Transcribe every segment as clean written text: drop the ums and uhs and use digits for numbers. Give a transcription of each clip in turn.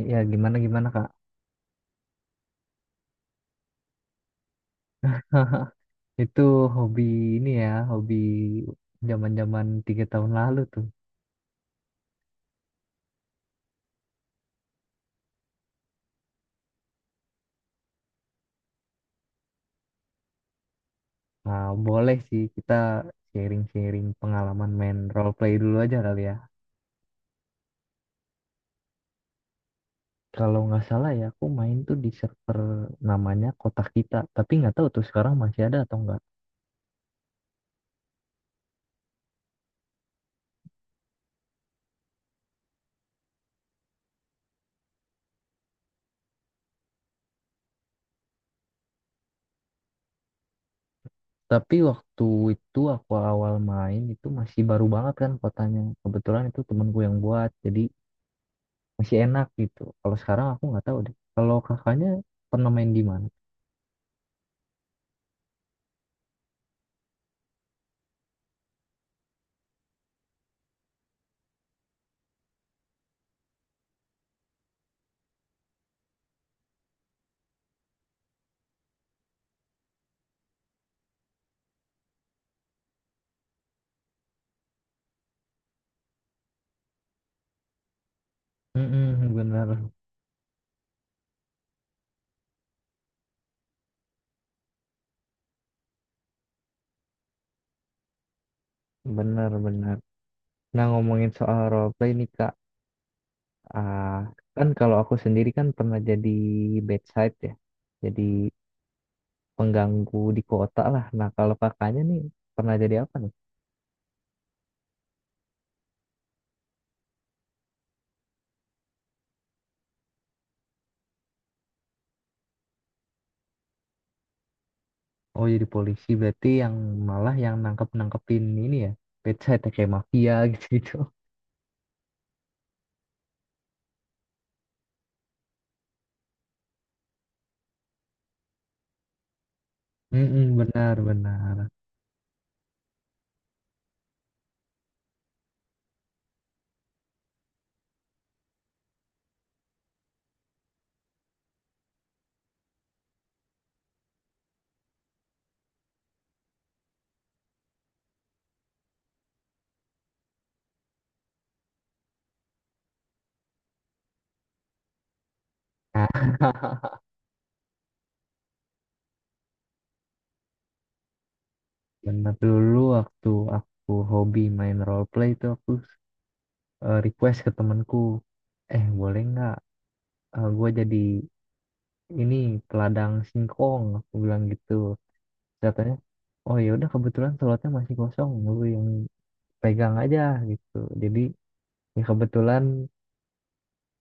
Iya, gimana gimana Kak? Itu hobi ini ya, hobi zaman-zaman tiga tahun lalu tuh. Nah, boleh sih kita sharing-sharing pengalaman main role play dulu aja kali ya. Kalau nggak salah ya, aku main tuh di server namanya kota Kita, tapi nggak tahu tuh sekarang masih ada atau nggak. Tapi waktu itu aku awal main itu masih baru banget kan kotanya. Kebetulan itu temenku yang buat, jadi masih enak gitu. Kalau sekarang aku nggak tahu deh. Kalau kakaknya pernah main di mana? Mm-mm, benar, benar, benar. Nah, ngomongin soal role play nih, Kak. Ah, kan kalau aku sendiri kan pernah jadi bedside ya. Jadi pengganggu di kota lah. Nah, kalau kakaknya nih pernah jadi apa nih? Oh, jadi polisi berarti yang malah yang nangkep-nangkepin ini ya. Bedside ya, kayak mafia gitu-gitu. Mm-mm, benar, benar. Nah, Benar dulu waktu aku hobi main role play itu aku request ke temanku, boleh nggak gue jadi ini peladang singkong aku bilang gitu. Terus katanya oh ya udah kebetulan slotnya masih kosong lu yang pegang aja gitu jadi ya kebetulan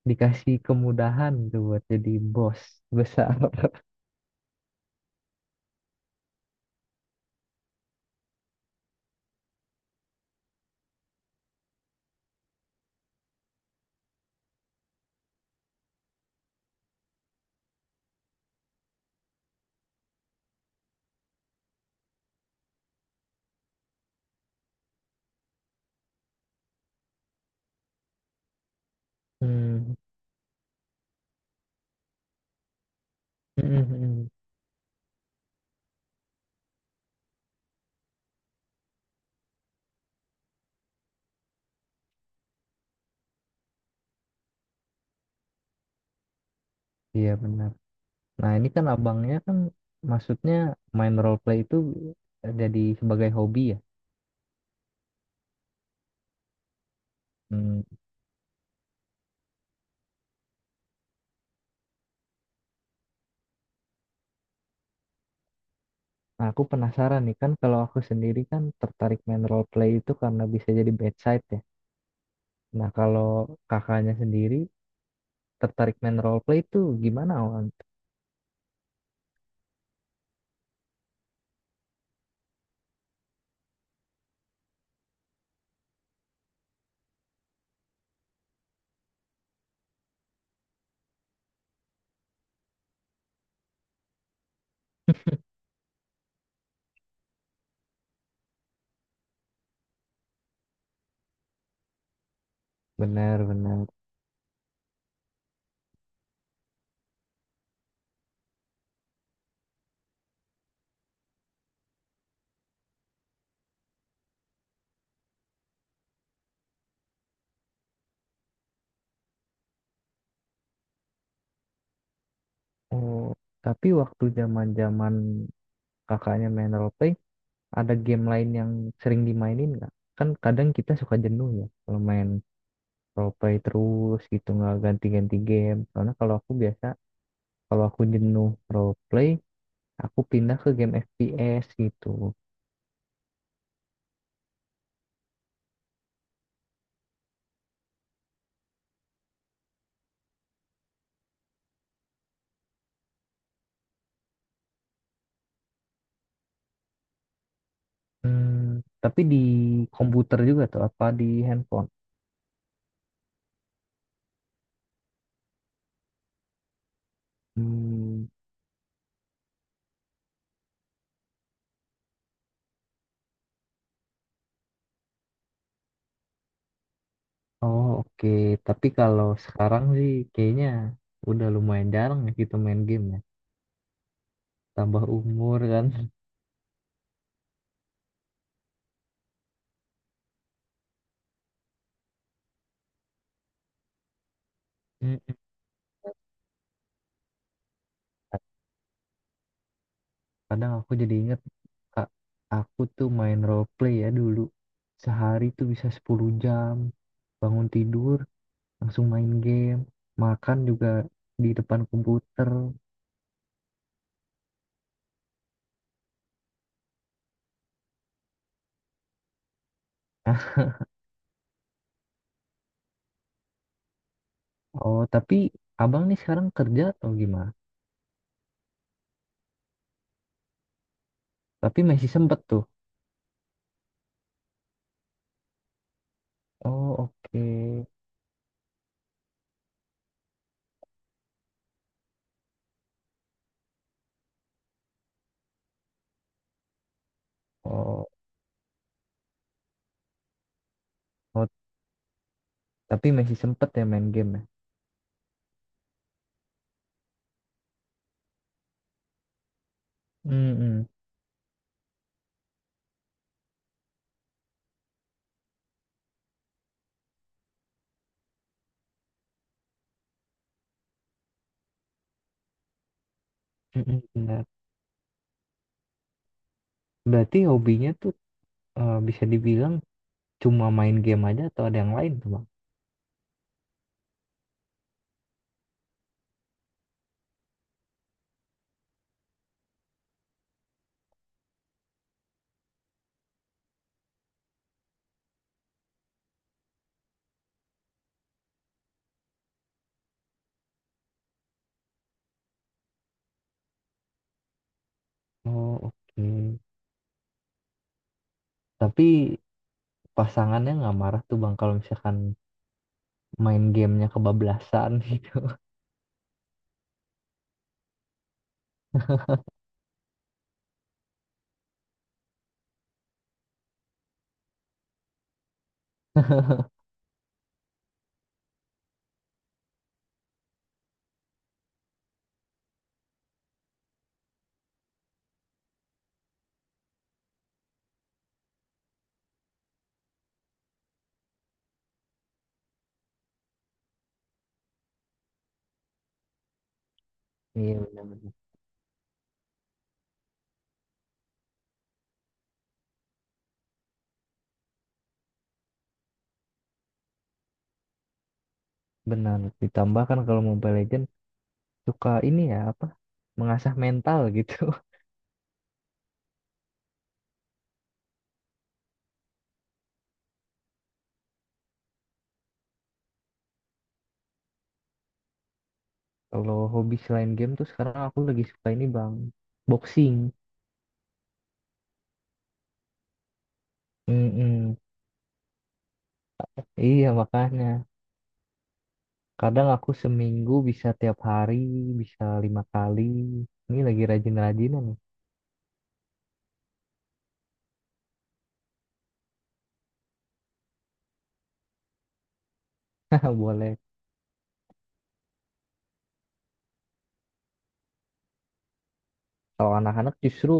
dikasih kemudahan tuh buat jadi bos besar. Hmm. Iya benar. Nah ini kan abangnya kan maksudnya main role play itu jadi sebagai hobi ya. Hmm. Nah, aku penasaran nih kan kalau aku sendiri kan tertarik main role play itu karena bisa jadi bedside ya. Nah, kalau kakaknya sendiri tertarik main role play itu gimana, Wan? Benar-benar. Oh, tapi waktu zaman-zaman kakaknya main role play, ada game lain yang sering dimainin nggak? Kan kadang kita suka jenuh ya kalau main role play terus gitu nggak ganti-ganti game. Karena kalau aku biasa kalau aku jenuh role play, aku pindah ke game FPS gitu. Hmm, tapi di komputer juga tuh apa di handphone? Hmm. Oh oke. Tapi kalau sekarang sih kayaknya udah lumayan jarang ya kita main game ya. Tambah umur kan. Mm, mm. Kadang aku jadi inget, Kak, aku tuh main role play ya dulu. Sehari tuh bisa 10 jam. Bangun tidur, langsung main game. Makan juga di depan komputer. Oh, tapi abang nih sekarang kerja atau gimana? Tapi masih sempet tuh. Oh, oke. Oh, oh, tapi masih sempet ya main game ya? Mm-mm. Mm-mm, benar. Berarti hobinya tuh bisa dibilang cuma main game aja atau ada yang lain tuh bang? Oh oke. Tapi pasangannya nggak marah tuh bang kalau misalkan main gamenya kebablasan gitu. Iya benar-benar. Benar. Ditambah kan kalau Mobile Legends suka ini ya apa? Mengasah mental gitu. Kalau hobi selain game tuh sekarang aku lagi suka ini bang, boxing. Mm-mm. Iya makanya. Kadang aku seminggu bisa tiap hari, bisa 5 kali. Ini lagi rajin-rajinan nih. Boleh. Kalau anak-anak justru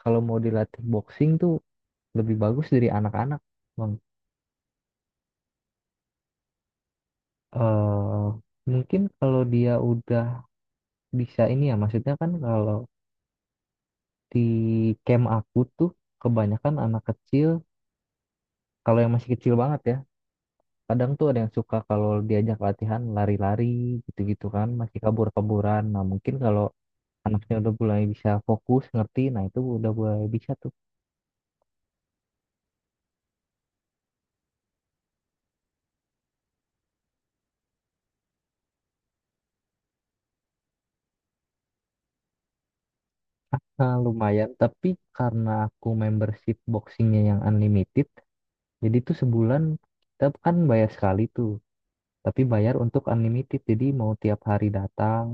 kalau mau dilatih boxing tuh lebih bagus dari anak-anak, Bang. Eh, mungkin kalau dia udah bisa ini ya, maksudnya kan kalau di camp aku tuh kebanyakan anak kecil, kalau yang masih kecil banget ya, kadang tuh ada yang suka kalau diajak latihan lari-lari gitu-gitu kan, masih kabur-kaburan. Nah mungkin kalau anaknya udah mulai bisa fokus ngerti nah itu udah mulai bisa tuh nah, lumayan tapi karena aku membership boxingnya yang unlimited jadi tuh sebulan kita kan bayar sekali tuh tapi bayar untuk unlimited jadi mau tiap hari datang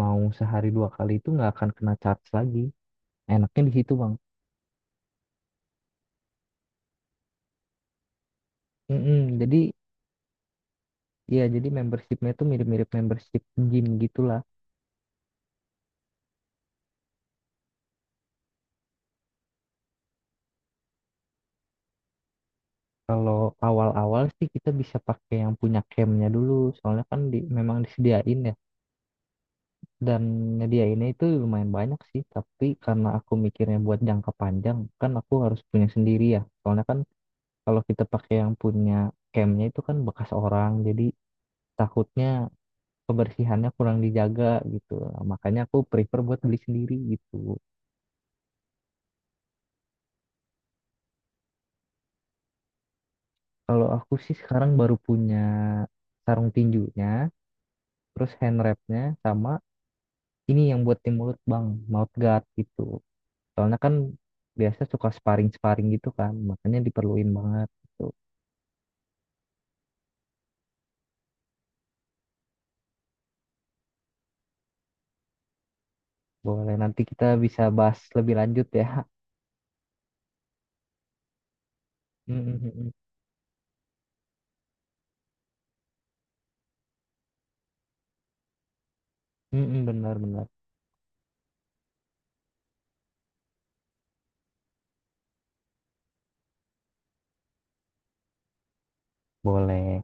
mau sehari 2 kali itu nggak akan kena charge lagi enaknya di situ bang. Mm-mm, jadi ya jadi membershipnya tuh mirip-mirip membership gym gitulah. Kalau awal-awal sih kita bisa pakai yang punya campnya dulu soalnya kan di, memang disediain dan nyediainnya itu lumayan banyak sih tapi karena aku mikirnya buat jangka panjang kan aku harus punya sendiri ya soalnya kan kalau kita pakai yang punya campnya itu kan bekas orang jadi takutnya kebersihannya kurang dijaga gitu. Nah, makanya aku prefer buat beli sendiri gitu. Kalau aku sih sekarang baru punya sarung tinjunya terus hand wrapnya sama ini yang buat tim mulut bang mouth guard gitu soalnya kan biasa suka sparring-sparring gitu kan makanya diperluin banget gitu. Boleh, nanti kita bisa bahas lebih lanjut ya. Mm, mm, mm, mm. Mm Benar-benar. Boleh.